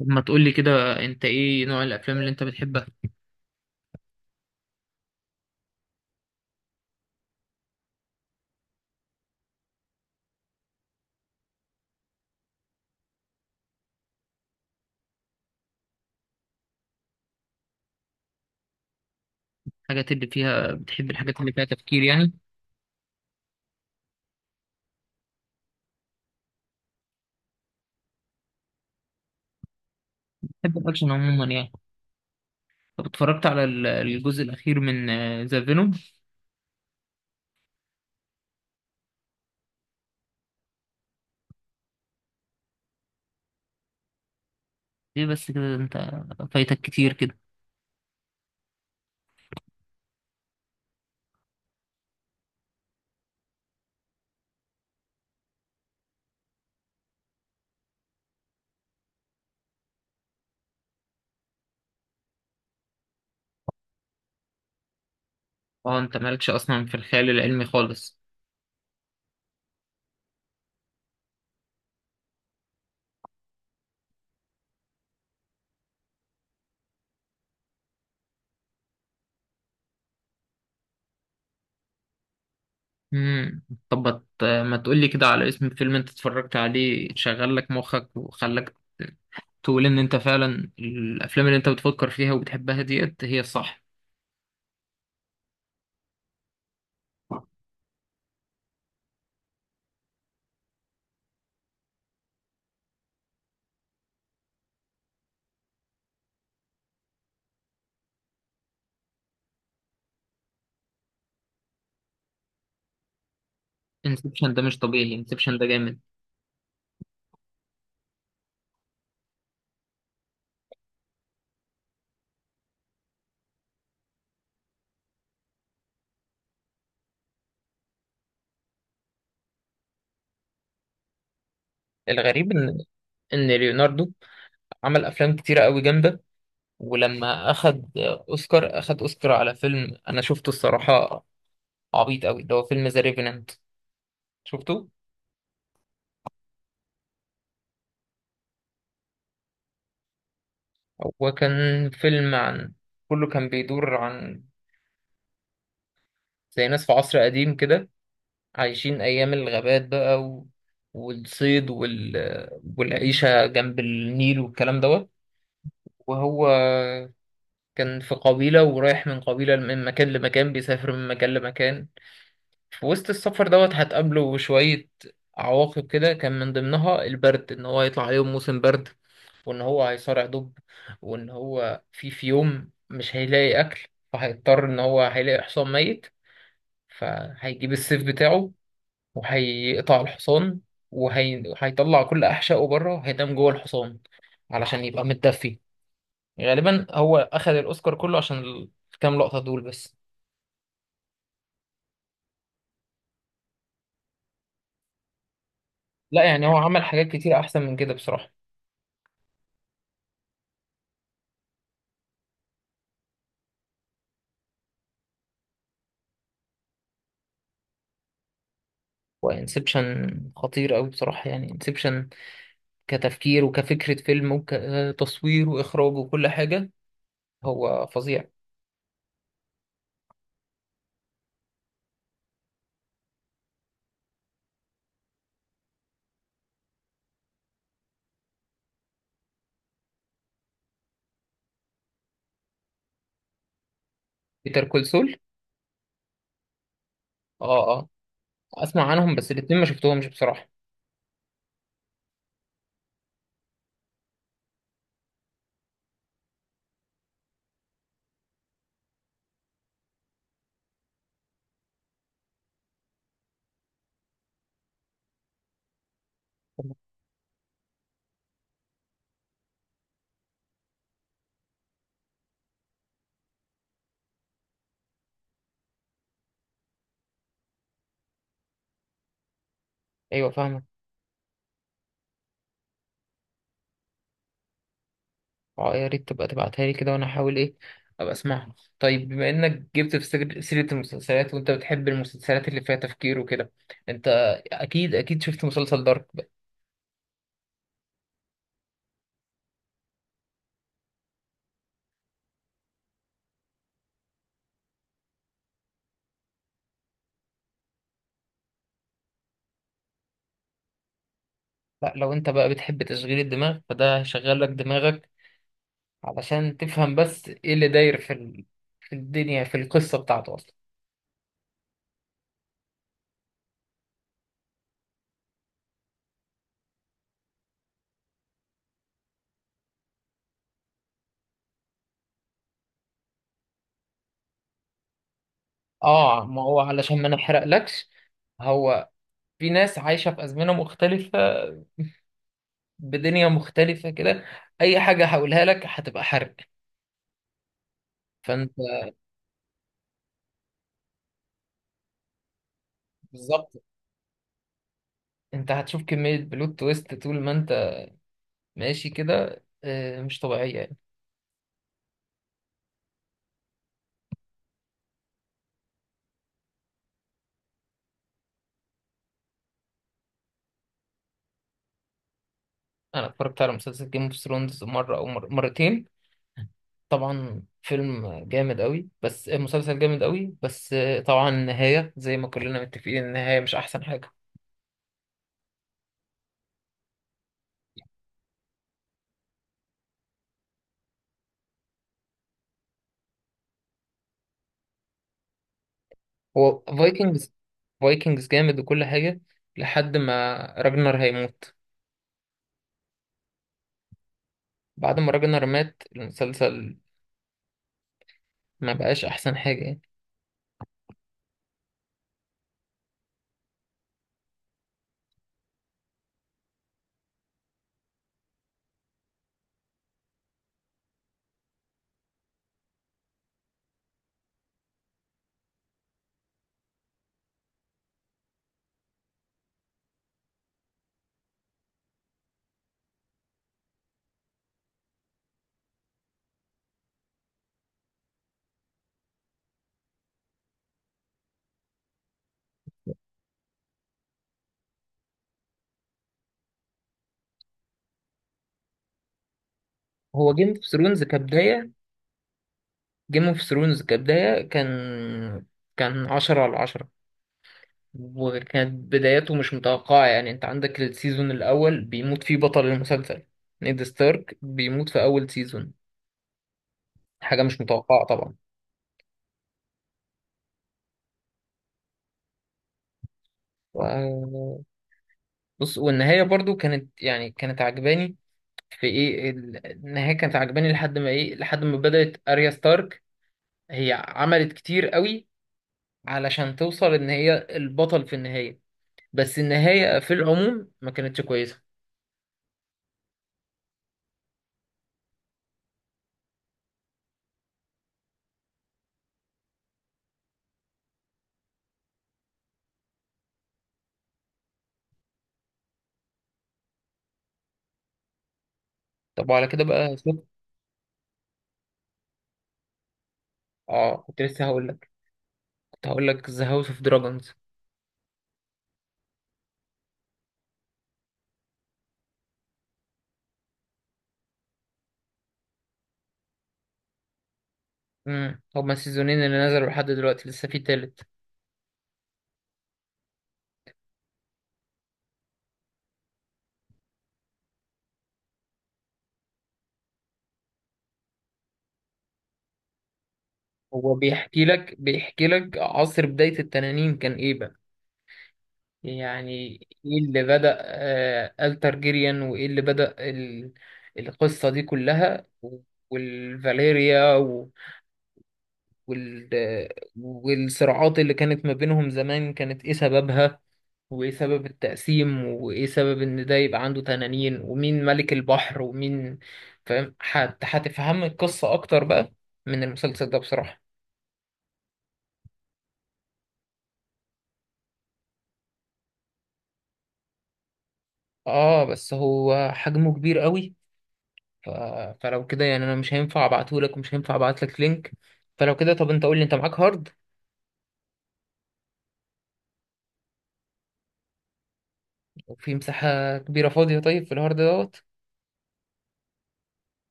طب، ما تقولي كده، انت ايه نوع الافلام اللي انت بتحبها؟ الحاجات اللي فيها بتحب الحاجات اللي فيها تفكير، يعني؟ بتحب الاكشن عموما يعني؟ طب، اتفرجت على الجزء الاخير من ذا فينوم؟ ليه بس كده؟ انت فايتك كتير كده. اه، انت مالكش اصلا في الخيال العلمي خالص؟ امم. طب، ما ما تقولي كده على اسم فيلم انت اتفرجت عليه، شغل لك مخك وخلاك تقول ان انت فعلا الافلام اللي انت بتفكر فيها وبتحبها ديت هي الصح. انسبشن ده مش طبيعي. انسبشن ده جامد. الغريب ان ليوناردو عمل افلام كتيره قوي جامده، ولما اخد اوسكار، اخد اوسكار على فيلم انا شفته الصراحه عبيط قوي. ده هو فيلم ذا ريفينانت. شفته؟ هو كان فيلم عن... كله كان بيدور عن زي ناس في عصر قديم كده، عايشين ايام الغابات بقى والصيد والعيشه جنب النيل والكلام دوت. وهو كان في قبيله، ورايح من قبيله من مكان لمكان، بيسافر من مكان لمكان. في وسط السفر دوت هتقابله شوية عواقب كده، كان من ضمنها البرد، إن هو هيطلع عليهم موسم برد، وإن هو هيصارع دب، وإن هو في يوم مش هيلاقي أكل، فهيضطر إن هو هيلاقي حصان ميت، فهيجيب السيف بتاعه وهيقطع الحصان، وهيطلع كل أحشائه بره، هينام جوه الحصان علشان يبقى متدفي. غالبا هو أخد الأوسكار كله عشان الكام لقطة دول بس. لا، يعني هو عمل حاجات كتير أحسن من كده بصراحة. وانسبشن خطير قوي بصراحة، يعني انسبشن كتفكير وكفكرة فيلم وكتصوير واخراج وكل حاجة، هو فظيع. بيتر كول سول؟ اه، اه، اسمع عنهم، بس الاتنين ما شفتهمش بصراحة. ايوه، فاهمك. اه، يا ريت تبقى تبعتها لي كده، وانا احاول ايه ابقى اسمعها. طيب، بما انك جبت في سيرة المسلسلات، وانت بتحب المسلسلات اللي فيها تفكير وكده، انت اكيد اكيد شفت مسلسل دارك بقى. لا، لو انت بقى بتحب تشغيل الدماغ، فده هيشغل لك دماغك علشان تفهم بس ايه اللي داير في في الدنيا، في القصة بتاعته اصلا. اه، ما هو علشان ما نحرقلكش، هو في ناس عايشة في أزمنة مختلفة، بدنيا مختلفة كده. أي حاجة هقولها لك هتبقى حرق، فأنت... بالظبط. أنت هتشوف كمية بلوت تويست طول ما أنت ماشي كده، مش طبيعية يعني. أنا اتفرجت على مسلسل جيم اوف ثرونز مرة أو مرتين. طبعا فيلم جامد قوي، بس مسلسل جامد قوي، بس طبعا النهاية زي ما كلنا متفقين، النهاية مش أحسن حاجة. هو فايكنجز؟ فايكنجز جامد وكل حاجة لحد ما راجنر هيموت. بعد ما راجنر مات، المسلسل ما بقاش أحسن حاجة يعني. هو جيم اوف ثرونز كبداية كان 10/10، وكانت بدايته مش متوقعة. يعني انت عندك السيزون الأول بيموت فيه بطل المسلسل. نيد ستارك بيموت في أول سيزون، حاجة مش متوقعة طبعا. و- بص، والنهاية برضو كانت، يعني كانت عجباني في ايه النهاية، كانت عجباني لحد ما ايه، لحد ما بدأت أريا ستارك. هي عملت كتير قوي علشان توصل ان هي البطل في النهاية، بس النهاية في العموم ما كانتش كويسة. طب، وعلى كده بقى يا سوق، اه، كنت لسه هقول لك، كنت هقول لك ذا هاوس اوف دراجونز. امم، هما السيزونين اللي نزلوا لحد دلوقتي، لسه في تالت. هو بيحكي لك عصر بداية التنانين كان ايه بقى، يعني ايه اللي بدأ الترجيريان، وايه اللي بدأ القصة دي كلها والفاليريا وال... والصراعات اللي كانت ما بينهم زمان كانت ايه سببها، وايه سبب التقسيم، وايه سبب ان ده يبقى عنده تنانين، ومين ملك البحر ومين، فاهم؟ هتفهم القصة اكتر بقى من المسلسل ده بصراحة. اه، بس هو حجمه كبير قوي، ف... فلو كده يعني انا مش هينفع ابعتهولك، ومش هينفع ابعتلك لينك. فلو كده، طب انت قول لي، انت معاك هارد وفي مساحة كبيرة فاضية؟ طيب، في الهارد دوت.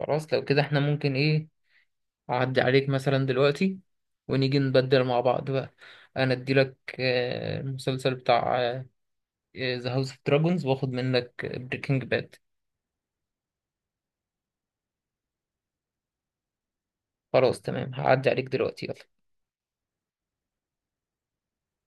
خلاص، لو كده احنا ممكن ايه، اعدي عليك مثلا دلوقتي ونيجي نبدل مع بعض بقى. انا اديلك المسلسل بتاع ذا هاوس اوف دراجونز، واخد منك بريكنج باد. خلاص، تمام. هعدي عليك دلوقتي، يلا.